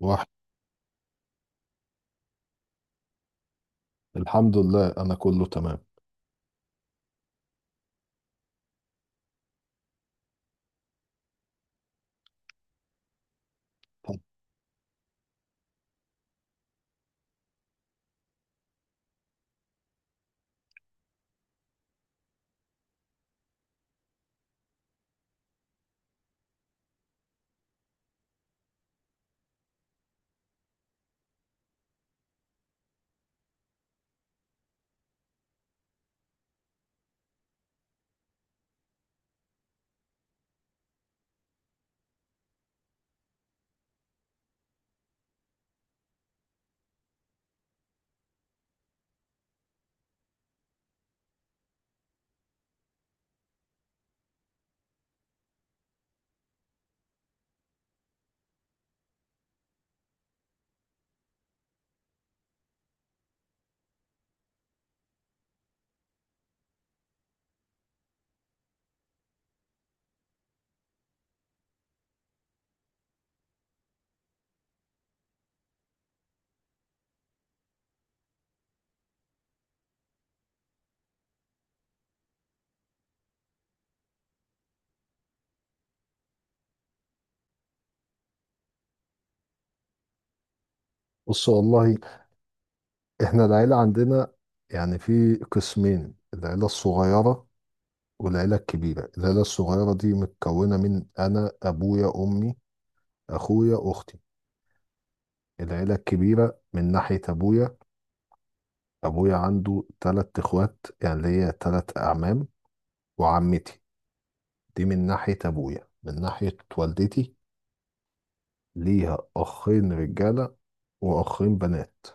واحد. الحمد لله، انا كله تمام. بص والله، احنا العيله عندنا يعني في قسمين: العيله الصغيره والعيله الكبيره. العيله الصغيره دي متكونه من انا، ابويا، امي، اخويا، اختي. العيله الكبيره من ناحيه ابويا، ابويا عنده تلات اخوات، يعني ليا تلات اعمام وعمتي. دي من ناحيه ابويا. من ناحيه والدتي، ليها اخين رجاله واخين بنات،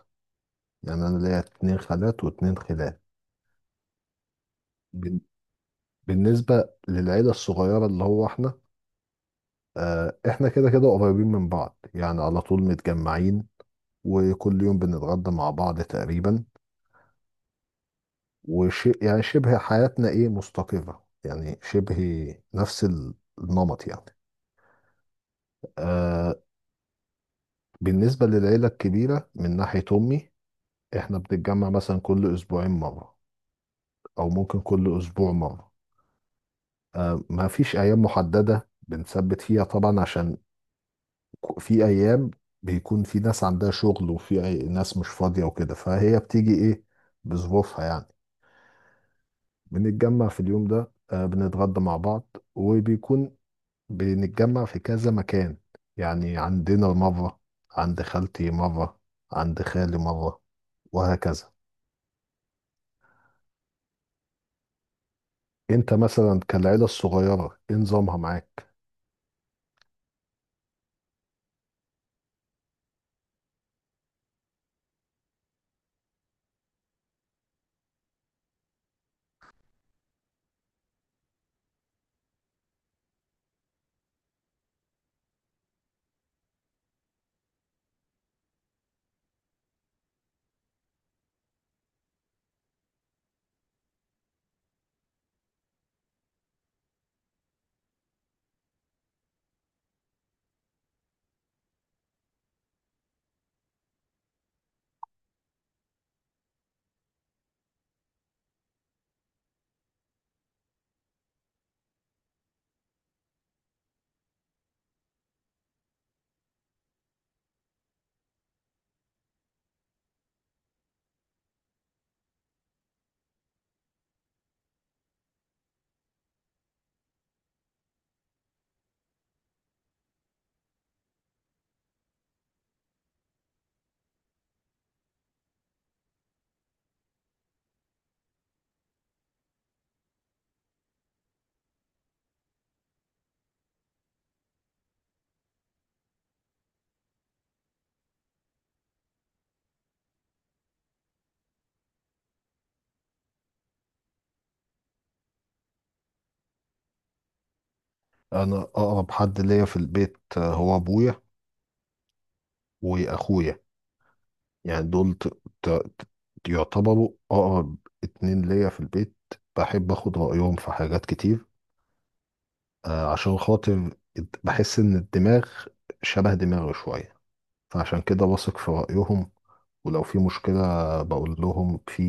يعني انا ليا اتنين خالات واتنين خلان. بالنسبة للعيلة الصغيرة اللي هو احنا، احنا كده كده قريبين من بعض، يعني على طول متجمعين وكل يوم بنتغدى مع بعض تقريبا. وشيء يعني شبه، حياتنا ايه مستقرة، يعني شبه نفس النمط يعني. آه، بالنسبة للعيلة الكبيرة من ناحية أمي، احنا بنتجمع مثلا كل أسبوعين مرة أو ممكن كل أسبوع مرة. ما فيش أيام محددة بنثبت فيها طبعا، عشان في ايام بيكون في ناس عندها شغل وفي أي ناس مش فاضيه وكده، فهي بتيجي ايه، بظروفها يعني. بنتجمع في اليوم ده، بنتغدى مع بعض وبيكون بنتجمع في كذا مكان. يعني عندنا مره، عند خالتي مره، عند خالي مره، وهكذا. انت مثلا كالعيله الصغيره ايه نظامها معاك؟ انا اقرب حد ليا في البيت هو ابويا واخويا. يعني دول ت... ت- يعتبروا أقرب اتنين ليا في البيت. بحب أخد رأيهم في حاجات كتير، عشان خاطر بحس إن الدماغ شبه دماغي شوية، فعشان كده بثق في رأيهم. ولو في مشكلة بقول لهم، في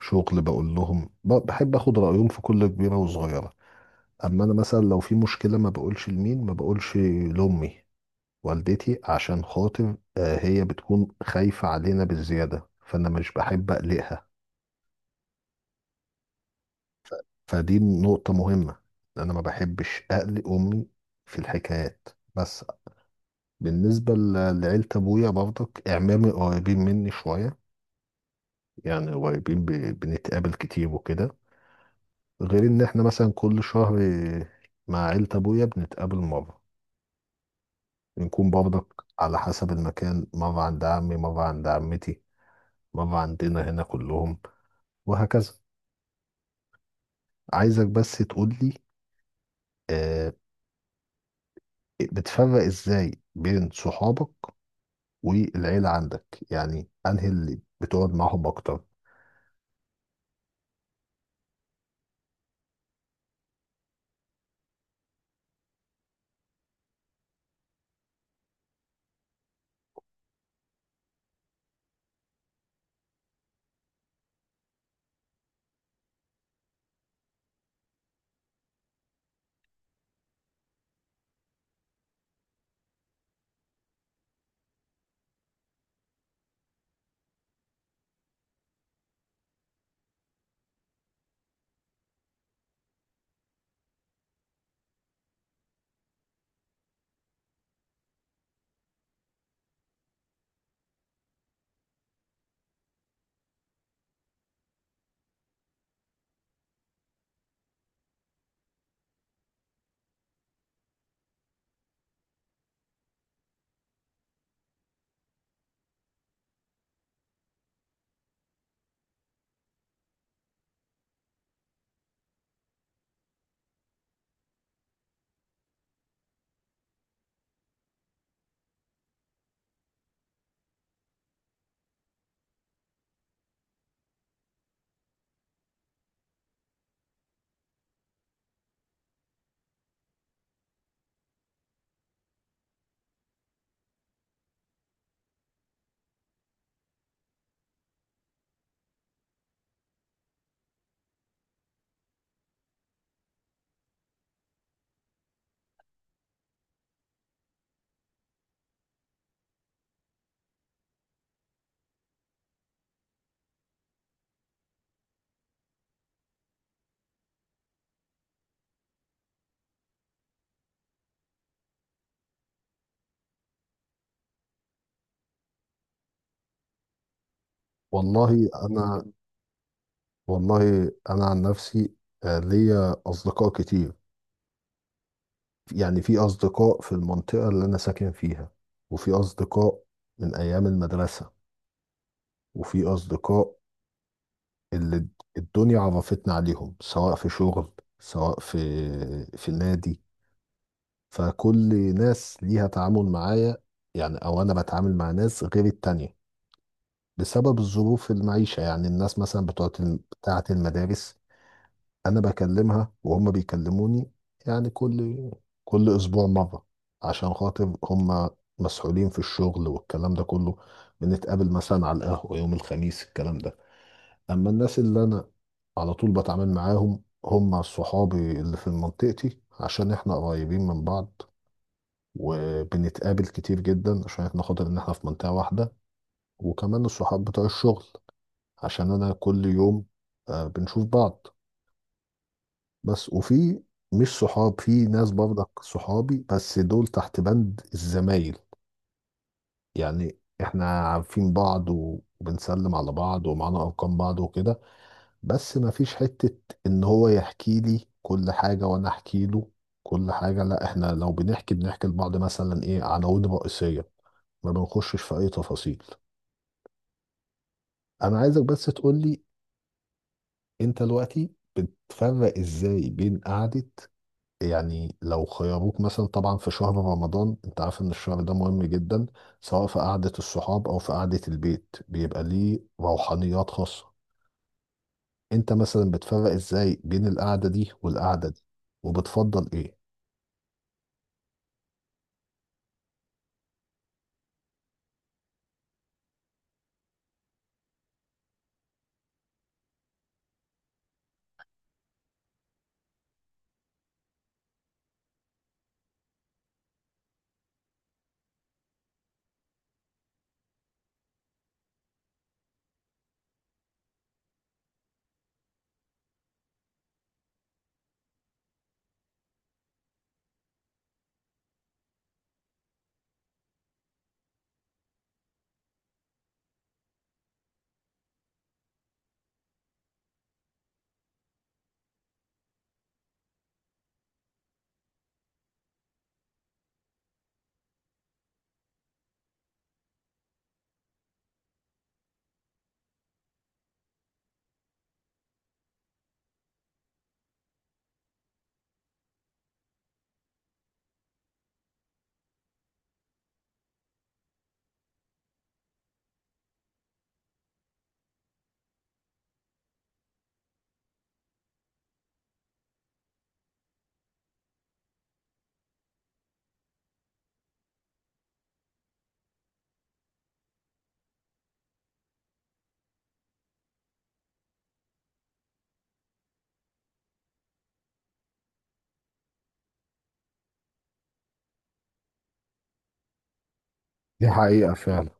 شغل بقول لهم، بحب أخد رأيهم في كل كبيرة وصغيرة. أما أنا مثلا لو في مشكلة ما بقولش لمين، ما بقولش لأمي، والدتي، عشان خاطر هي بتكون خايفة علينا بالزيادة، فأنا مش بحب أقلقها. فدي نقطة مهمة، أنا ما بحبش أقلق أمي في الحكايات، بس. بالنسبة لعيلة أبويا برضك، أعمامي قريبين مني شوية، يعني قريبين، بنتقابل كتير وكده، غير إن إحنا مثلا كل شهر مع عيلة أبويا بنتقابل مرة، بنكون برضك على حسب المكان، مرة عند عمي، مرة عند عمتي، مرة عندنا هنا كلهم، وهكذا. عايزك بس تقولي، آه، بتفرق إزاي بين صحابك والعيلة عندك؟ يعني انهي اللي بتقعد معاهم اكتر؟ والله انا والله انا عن نفسي ليا اصدقاء كتير. يعني في اصدقاء في المنطقة اللي انا ساكن فيها، وفي اصدقاء من ايام المدرسة، وفي اصدقاء اللي الدنيا عرفتنا عليهم، سواء في شغل، سواء في نادي. فكل ناس ليها تعامل معايا يعني، او انا بتعامل مع ناس غير التانية بسبب الظروف المعيشة. يعني الناس مثلا بتوع بتاعة المدارس، أنا بكلمها وهم بيكلموني، يعني كل أسبوع مرة، عشان خاطر هم مسحولين في الشغل والكلام ده كله. بنتقابل مثلا على القهوة يوم الخميس، الكلام ده. أما الناس اللي أنا على طول بتعامل معاهم هم صحابي اللي في منطقتي، عشان إحنا قريبين من بعض وبنتقابل كتير جدا، عشان إحنا خاطر إن إحنا في منطقة واحدة. وكمان الصحاب بتوع الشغل، عشان انا كل يوم بنشوف بعض. بس وفي مش صحاب، في ناس برضك صحابي بس دول تحت بند الزمايل. يعني احنا عارفين بعض وبنسلم على بعض ومعانا ارقام بعض وكده، بس ما فيش حتة ان هو يحكي لي كل حاجة وانا احكي له كل حاجة. لا، احنا لو بنحكي بنحكي لبعض مثلا ايه، عناوين رئيسية، ما بنخشش في اي تفاصيل. انا عايزك بس تقولي، انت دلوقتي بتفرق ازاي بين قعدة، يعني لو خيروك مثلا، طبعا في شهر رمضان انت عارف ان الشهر ده مهم جدا سواء في قعدة الصحاب او في قعدة البيت، بيبقى ليه روحانيات خاصة، انت مثلا بتفرق ازاي بين القعدة دي والقعدة دي وبتفضل ايه؟ دي حقيقة فعلا.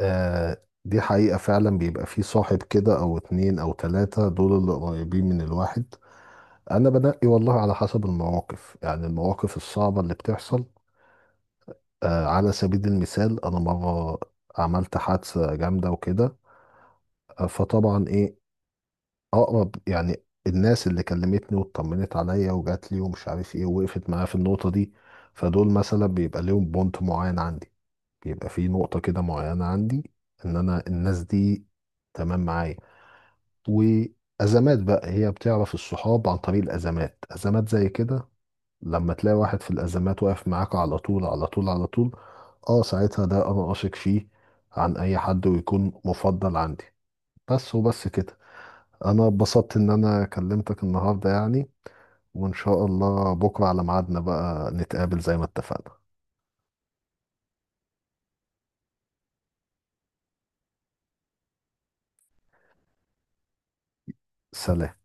آه، دي حقيقة فعلا. بيبقى في صاحب كده او اتنين او تلاتة، دول اللي قريبين من الواحد. انا بنقي والله على حسب المواقف، يعني المواقف الصعبة اللي بتحصل. على سبيل المثال انا مره عملت حادثه جامده وكده، فطبعا ايه، اقرب يعني الناس اللي كلمتني واطمنت عليا وجات لي ومش عارف ايه ووقفت معايا في النقطه دي، فدول مثلا بيبقى ليهم بونت معين عندي، بيبقى في نقطه كده معينه عندي ان انا الناس دي تمام معايا. وازمات بقى هي بتعرف الصحاب عن طريق الازمات، ازمات زي كده، لما تلاقي واحد في الأزمات واقف معاك على طول على طول على طول، اه ساعتها ده أنا أثق فيه عن أي حد ويكون مفضل عندي. بس وبس كده. أنا اتبسطت إن أنا كلمتك النهاردة يعني، وإن شاء الله بكرة على ميعادنا بقى نتقابل زي ما اتفقنا. سلام.